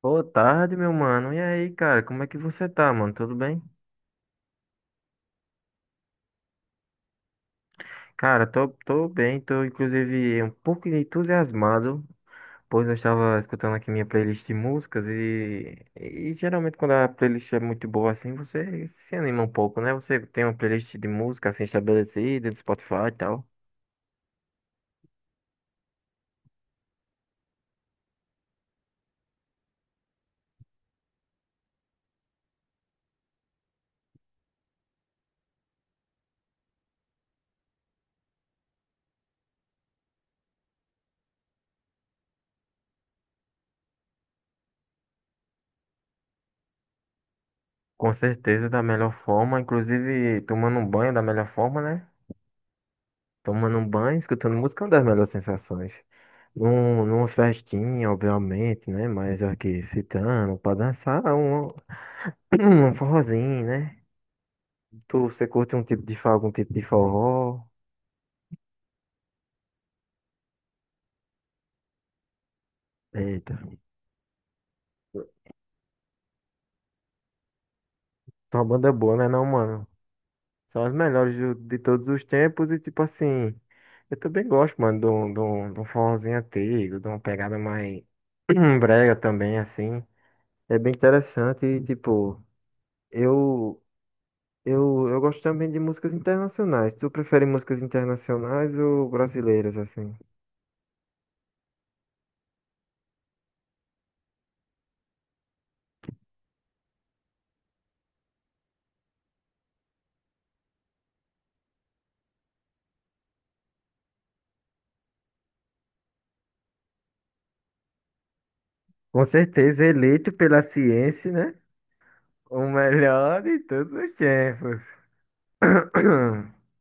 Boa tarde, meu mano. E aí, cara, como é que você tá, mano? Tudo bem? Cara, tô bem, tô inclusive um pouco entusiasmado, pois eu estava escutando aqui minha playlist de músicas e geralmente quando a playlist é muito boa assim, você se anima um pouco, né? Você tem uma playlist de música assim estabelecida, do Spotify e tal. Com certeza, da melhor forma, inclusive tomando um banho da melhor forma, né? Tomando um banho, escutando música é uma das melhores sensações. Numa festinha, obviamente, né? Mas aqui, citando, pra dançar, um, um forrozinho, né? Você curte um tipo de, algum tipo de forró? Eita, tua banda é boa, né não, mano? São as melhores de todos os tempos e, tipo assim, eu também gosto, mano, de um forrozinho antigo, de uma pegada mais brega também, assim. É bem interessante e, tipo, eu, eu gosto também de músicas internacionais. Tu prefere músicas internacionais ou brasileiras, assim? Com certeza, eleito pela ciência, né? O melhor de todos os tempos.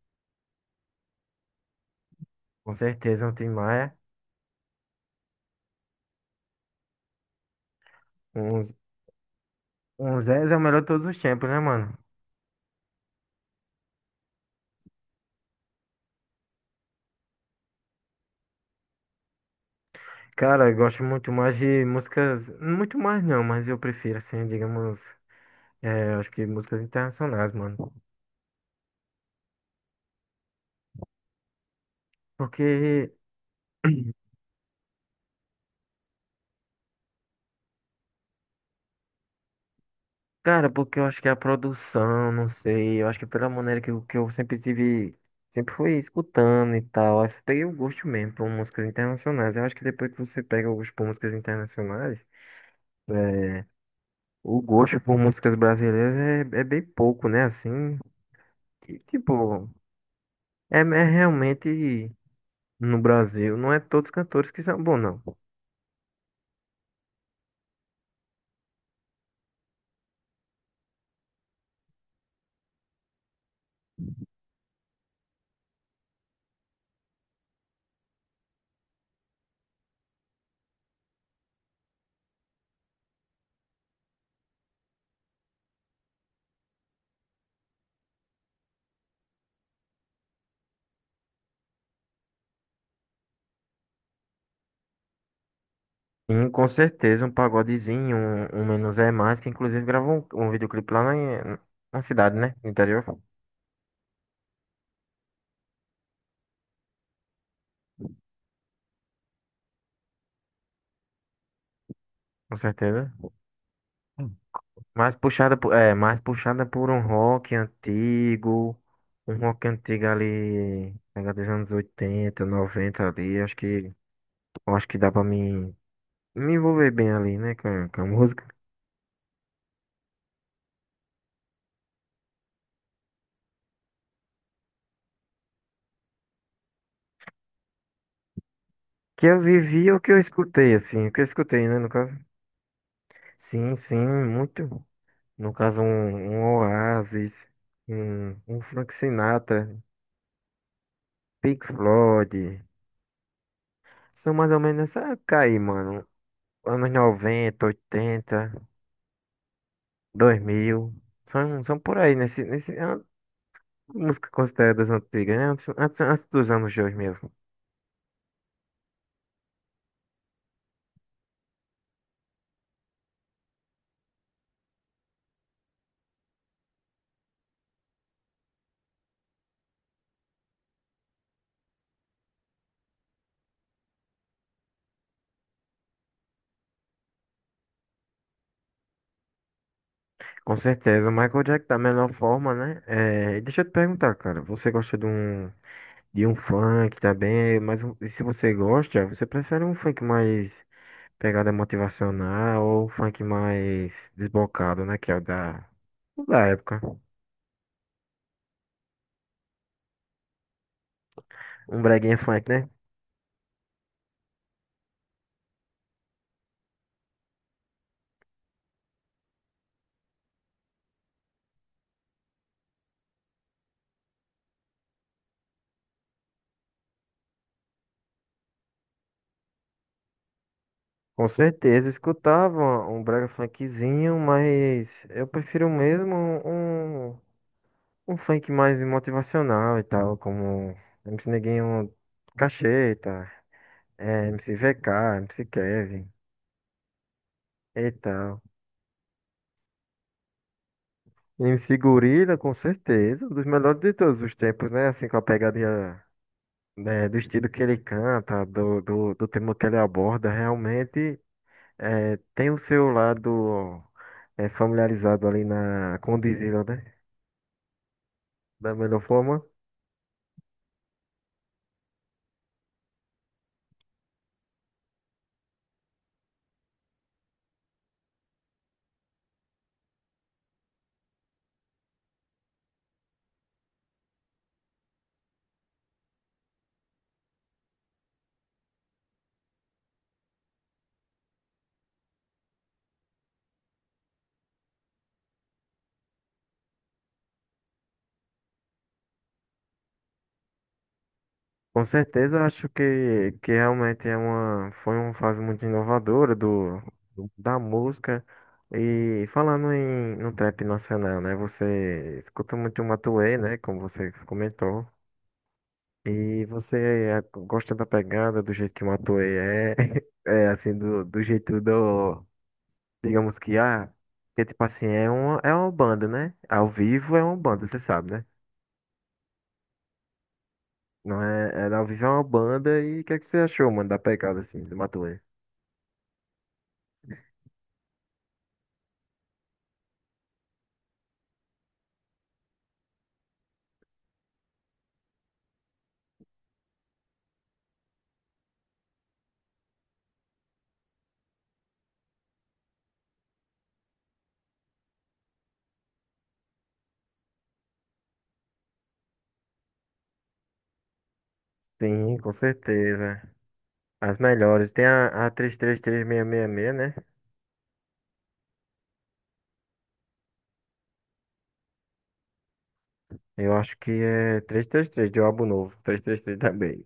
Com certeza, um Tim Maia. Um, um Zez é o melhor de todos os tempos, né, mano? Cara, eu gosto muito mais de músicas. Muito mais não, mas eu prefiro, assim, digamos. É, eu acho que músicas internacionais, mano. Porque. Cara, porque eu acho que a produção, não sei, eu acho que pela maneira que, que eu sempre tive, sempre fui escutando e tal, aí eu peguei o gosto mesmo por músicas internacionais. Eu acho que depois que você pega o gosto por músicas internacionais, é, o gosto por músicas brasileiras é bem pouco, né? Assim, e, tipo, é realmente no Brasil, não é todos os cantores que são bons, não. E, com certeza um pagodezinho, um Menos é Mais, que inclusive gravou um, um videoclipe lá na, na cidade, né? No interior, com certeza. Mais puxada por, é, mais puxada por um rock antigo ali, pega dos anos 80 90 ali, acho que, eu acho que dá pra mim me envolver bem ali, né, com a música. Que eu vivi o que eu escutei, assim, o que eu escutei, né, no caso. Sim, sim, muito. No caso, um Oasis, um Frank Sinatra, Pink Floyd. São mais ou menos essa época aí, mano. Anos 90 80 dois mil. São, são por aí, nesse, nesse, é uma música considerada das antigas, né? Antes, antes, antes dos anos 2000. Com certeza, o Michael Jackson da melhor forma, né? É, e deixa eu te perguntar, cara, você gosta de um funk também, mas e se você gosta, você prefere um funk mais pegada motivacional ou um funk mais desbocado, né? Que é o da época. Um breguinha funk, né? Com certeza, escutava um brega funkzinho, mas eu prefiro mesmo um um funk mais motivacional e tal, como MC Neguinho Cacheta, eh, MC VK, MC Kevin e tal. MC Gorila, com certeza, um dos melhores de todos os tempos, né? Assim, com a pegada né, do estilo que ele canta, do tema que ele aborda, realmente é tem o seu lado é familiarizado ali na, com o Dizila, né? Da melhor forma. Com certeza, eu acho que realmente é uma, foi uma fase muito inovadora da música. E falando em, no trap nacional, né? Você escuta muito o Matuê, né? Como você comentou. E você eh, gosta da pegada, do jeito que o Matuê é, é assim, do, do jeito do, digamos que, ah, que tipo assim, é uma banda, né? Ao vivo é uma banda, você sabe, né? Não é, é, ao vivo é uma banda e o que é que você achou, mano, da pegada, assim, do Matuê? Sim, com certeza. As melhores. Tem a 333666, né? Eu acho que é 333 de um álbum novo. 333 também.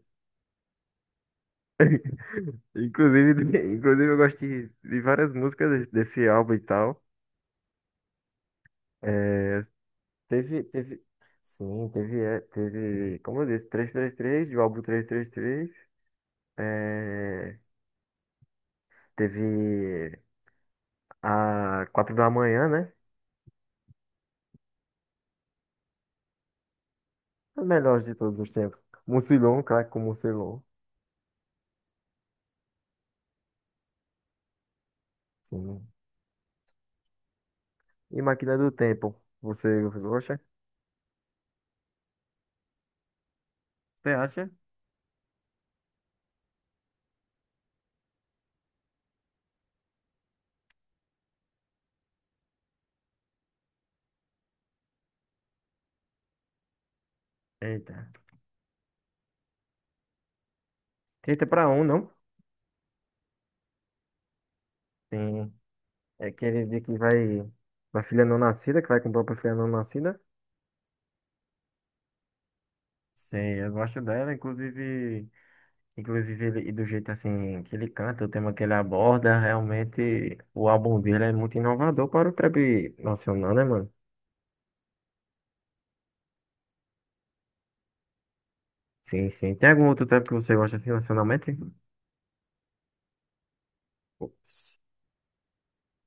Inclusive, inclusive eu gosto de várias músicas desse álbum e tal. É, teve, teve, teve, como eu disse, 333, de um álbum 333. É, teve a 4 da manhã, né? A melhor de todos os tempos. Mucilon, craque com Mucilon. Sim. E Máquina do Tempo, você gosta? Você acha? Eita. 30 para um não? Tem. É aquele dia que vai. Uma filha não nascida, que vai comprar pra filha não nascida. Sei, eu gosto dela, inclusive, inclusive ele, e do jeito assim que ele canta, o tema que ele aborda, realmente o álbum dele é muito inovador para o trap nacional, né, mano? Sim, sim. Tem algum outro trap que você gosta assim nacionalmente?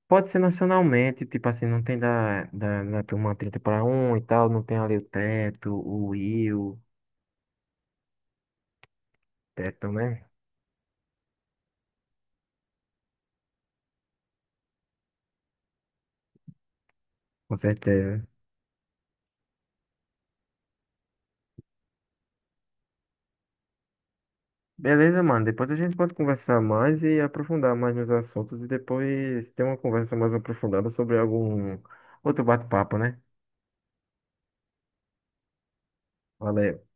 Pode ser nacionalmente, tipo assim, não tem da turma 30 para 1 e tal, não tem ali o Teto, o Will, Teto, né? Com certeza. Beleza, mano. Depois a gente pode conversar mais e aprofundar mais nos assuntos e depois ter uma conversa mais aprofundada sobre algum outro bate-papo, né? Valeu.